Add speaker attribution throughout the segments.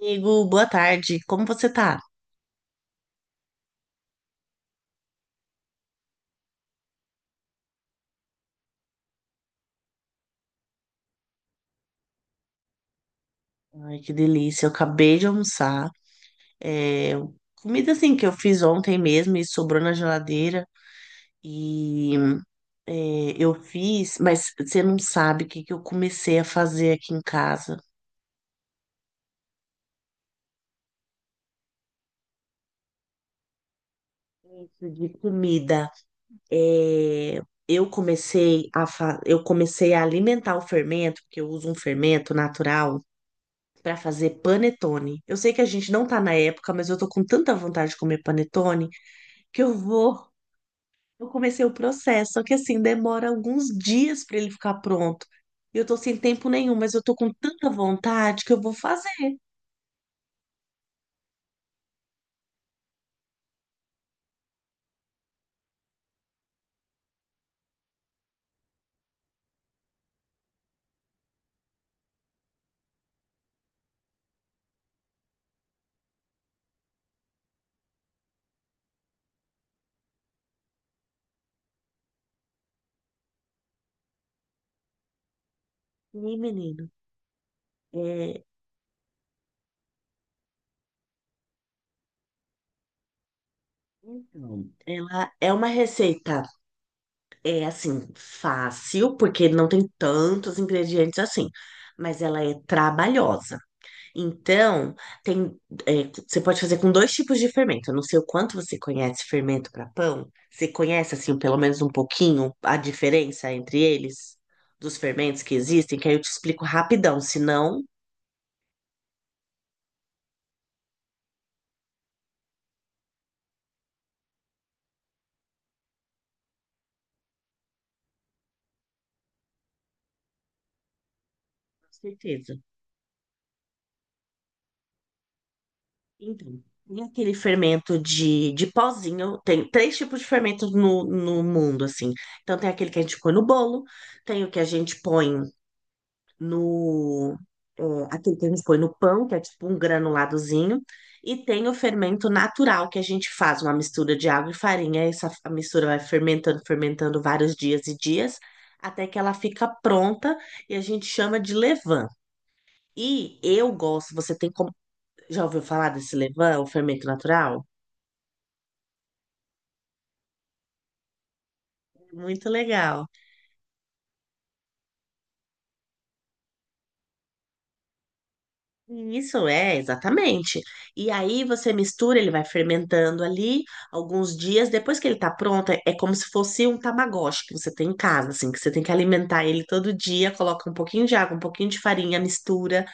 Speaker 1: Amigo, boa tarde. Como você tá? Ai, que delícia. Eu acabei de almoçar. É, comida assim que eu fiz ontem mesmo e sobrou na geladeira. E eu fiz, mas você não sabe o que que eu comecei a fazer aqui em casa. Isso. De comida. É, eu comecei eu comecei a alimentar o fermento, porque eu uso um fermento natural para fazer panetone. Eu sei que a gente não tá na época, mas eu tô com tanta vontade de comer panetone que eu vou. Eu comecei o processo, só que assim, demora alguns dias para ele ficar pronto. Eu tô sem tempo nenhum, mas eu tô com tanta vontade que eu vou fazer. E, menino, é, então, ela é uma receita, é assim, fácil, porque não tem tantos ingredientes assim, mas ela é trabalhosa. Então, tem, você pode fazer com dois tipos de fermento. Eu não sei o quanto você conhece fermento para pão. Você conhece, assim, pelo menos um pouquinho a diferença entre eles, dos fermentos que existem, que aí eu te explico rapidão, se não, com certeza. Então, tem aquele fermento de pozinho. Tem três tipos de fermento no mundo, assim. Então, tem aquele que a gente põe no bolo, tem o que a gente põe no. é, aquele que a gente põe no pão, que é tipo um granuladozinho, e tem o fermento natural, que a gente faz uma mistura de água e farinha. Essa a mistura vai fermentando, fermentando vários dias e dias, até que ela fica pronta e a gente chama de levain. E eu gosto, você tem como. Já ouviu falar desse levain, o fermento natural? É muito legal. Isso é, exatamente. E aí você mistura, ele vai fermentando ali alguns dias. Depois que ele tá pronto, é como se fosse um tamagotchi que você tem em casa, assim, que você tem que alimentar ele todo dia, coloca um pouquinho de água, um pouquinho de farinha, mistura,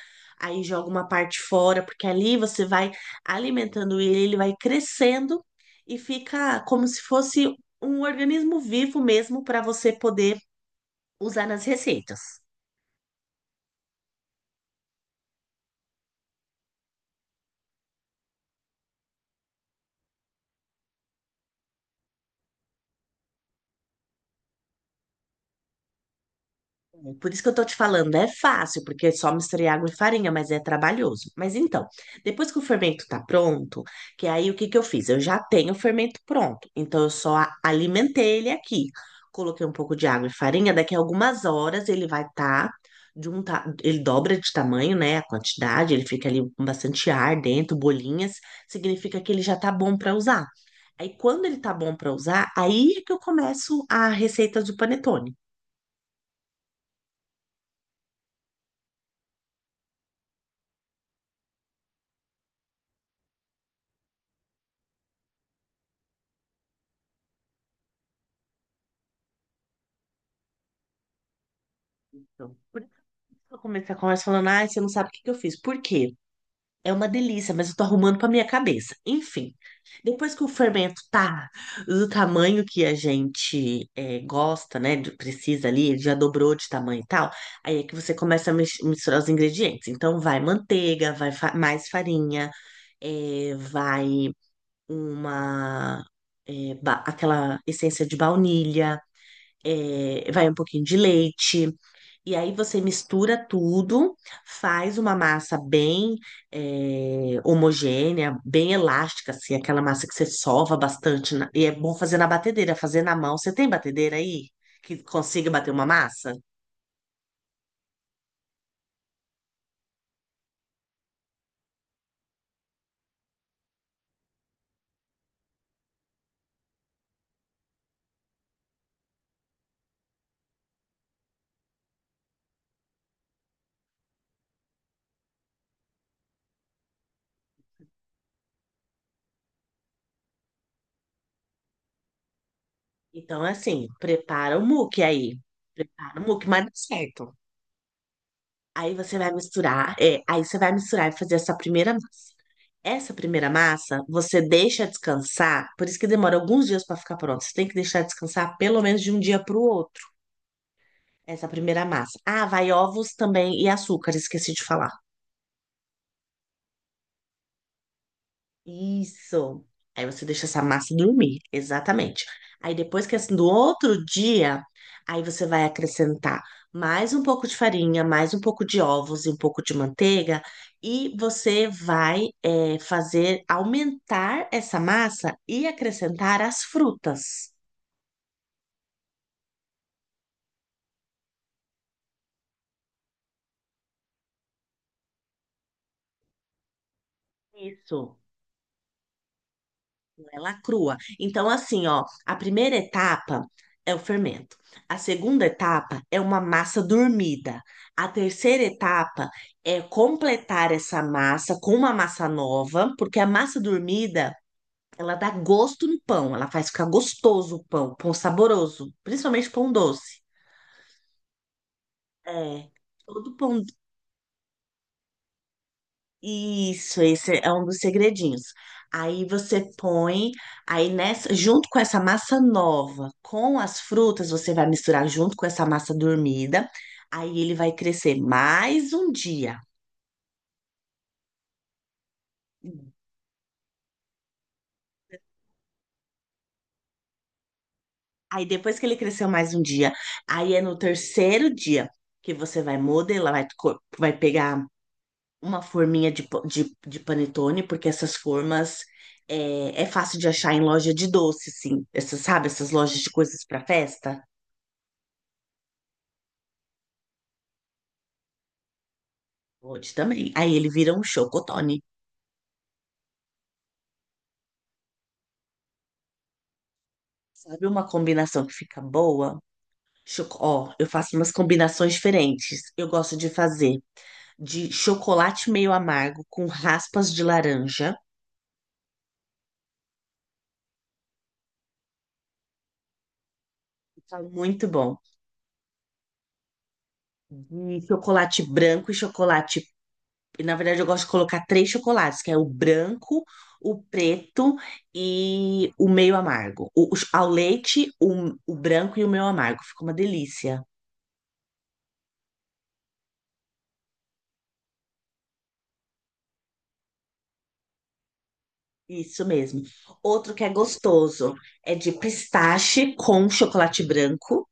Speaker 1: aí joga uma parte fora, porque ali você vai alimentando ele, ele vai crescendo e fica como se fosse um organismo vivo mesmo para você poder usar nas receitas. É por isso que eu tô te falando, é fácil, porque é só misturar água e farinha, mas é trabalhoso. Mas então, depois que o fermento tá pronto, que aí o que que eu fiz? Eu já tenho o fermento pronto, então eu só alimentei ele aqui. Coloquei um pouco de água e farinha, daqui a algumas horas ele vai estar de um ta... ele dobra de tamanho, né, a quantidade, ele fica ali com bastante ar dentro, bolinhas, significa que ele já tá bom para usar. Aí quando ele tá bom para usar, aí é que eu começo a receita do panetone. Então, eu comecei a conversa falando, ai, você não sabe o que que eu fiz. Por quê? É uma delícia, mas eu tô arrumando pra minha cabeça. Enfim, depois que o fermento tá do tamanho que a gente gosta, né? Precisa ali, ele já dobrou de tamanho e tal. Aí é que você começa a misturar os ingredientes. Então, vai manteiga, vai mais farinha, vai uma... aquela essência de baunilha, vai um pouquinho de leite. E aí você mistura tudo, faz uma massa bem homogênea, bem elástica, assim, aquela massa que você sova bastante. E é bom fazer na batedeira, fazer na mão. Você tem batedeira aí que consiga bater uma massa? Então, é assim, prepara o muque aí. Prepara o muque, mas dá certo. Aí você vai misturar, e fazer essa primeira massa. Essa primeira massa você deixa descansar, por isso que demora alguns dias para ficar pronto. Você tem que deixar descansar pelo menos de um dia para o outro. Essa primeira massa. Ah, vai ovos também e açúcar, esqueci de falar. Isso. Aí você deixa essa massa dormir, exatamente. Aí depois que assim, do outro dia, aí você vai acrescentar mais um pouco de farinha, mais um pouco de ovos e um pouco de manteiga, e você vai fazer aumentar essa massa e acrescentar as frutas. Isso. Ela crua. Então, assim, ó, a primeira etapa é o fermento. A segunda etapa é uma massa dormida. A terceira etapa é completar essa massa com uma massa nova, porque a massa dormida, ela dá gosto no pão, ela faz ficar gostoso o pão, pão saboroso, principalmente pão doce. É, todo pão Isso, esse é um dos segredinhos. Aí você põe, aí nessa, junto com essa massa nova, com as frutas, você vai misturar junto com essa massa dormida. Aí ele vai crescer mais um dia. Aí depois que ele cresceu mais um dia, aí é no terceiro dia que você vai modelar, vai pegar uma forminha de panetone, porque essas formas é fácil de achar em loja de doce, assim. Essas, sabe, essas lojas de coisas para festa. Pode também. Aí ele vira um chocotone. Sabe uma combinação que fica boa? Choco... Ó, eu faço umas combinações diferentes. Eu gosto de fazer de chocolate meio amargo com raspas de laranja. Fica muito bom. De chocolate branco e chocolate. Na verdade, eu gosto de colocar três chocolates, que é o branco, o preto e o meio amargo. Ao leite, o branco e o meio amargo. Fica uma delícia. Isso mesmo. Outro que é gostoso é de pistache com chocolate branco.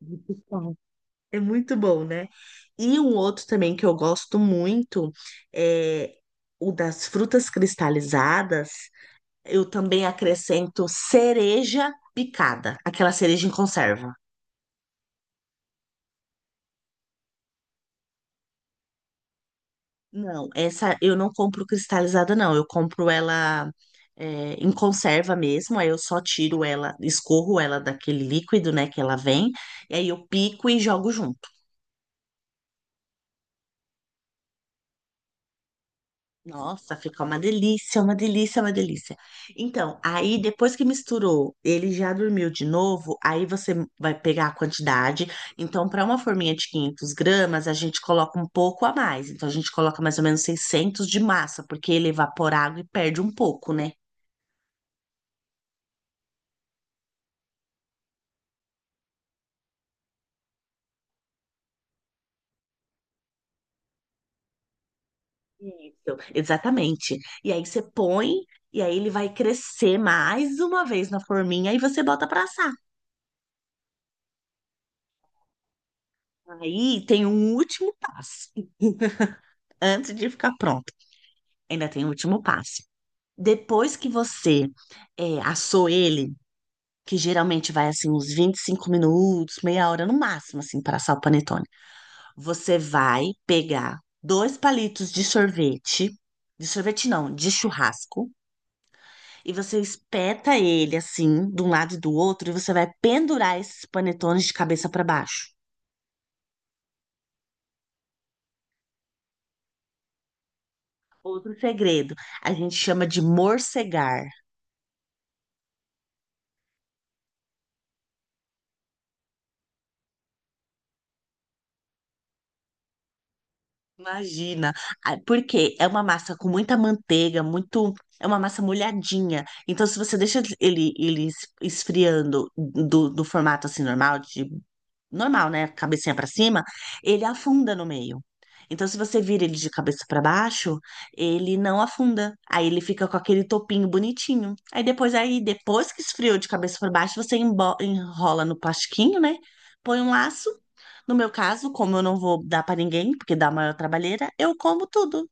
Speaker 1: Muito bom. É muito bom, né? E um outro também que eu gosto muito é o das frutas cristalizadas. Eu também acrescento cereja picada, aquela cereja em conserva. Não, essa eu não compro cristalizada, não. Eu compro ela em conserva mesmo. Aí eu só tiro ela, escorro ela daquele líquido, né, que ela vem. E aí eu pico e jogo junto. Nossa, fica uma delícia, uma delícia, uma delícia. Então, aí depois que misturou, ele já dormiu de novo. Aí você vai pegar a quantidade. Então, para uma forminha de 500 g, a gente coloca um pouco a mais. Então, a gente coloca mais ou menos 600 de massa, porque ele evapora água e perde um pouco, né? Isso, exatamente. E aí você põe, e aí ele vai crescer mais uma vez na forminha e você bota pra assar. Aí tem um último passo, antes de ficar pronto. Ainda tem o último passo. Depois que você assou ele, que geralmente vai assim uns 25 minutos, meia hora no máximo, assim, para assar o panetone. Você vai pegar dois palitos de sorvete não, de churrasco. E você espeta ele assim, de um lado e do outro, e você vai pendurar esses panetones de cabeça para baixo. Outro segredo, a gente chama de morcegar. Imagina. Ah, porque é uma massa com muita manteiga, muito, é uma massa molhadinha. Então, se você deixa ele, ele esfriando do formato assim normal de normal, né? Cabecinha pra cima, ele afunda no meio. Então, se você vira ele de cabeça pra baixo, ele não afunda. Aí ele fica com aquele topinho bonitinho. Aí depois que esfriou de cabeça pra baixo, você enrola no plastiquinho, né? Põe um laço. No meu caso, como eu não vou dar pra ninguém, porque dá maior trabalheira, eu como tudo.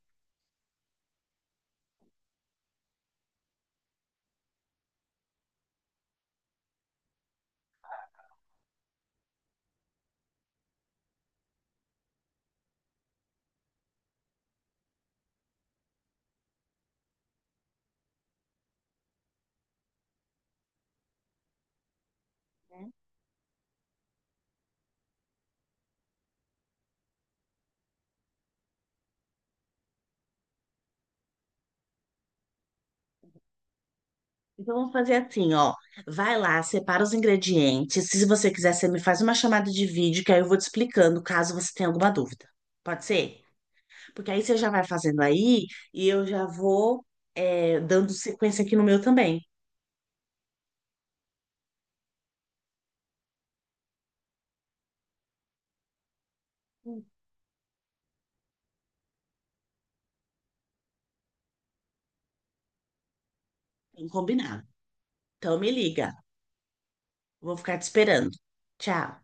Speaker 1: Então vamos fazer assim, ó. Vai lá, separa os ingredientes. Se você quiser, você me faz uma chamada de vídeo, que aí eu vou te explicando, caso você tenha alguma dúvida. Pode ser? Porque aí você já vai fazendo aí e eu já vou dando sequência aqui no meu também. Bem combinado. Então me liga. Vou ficar te esperando. Tchau.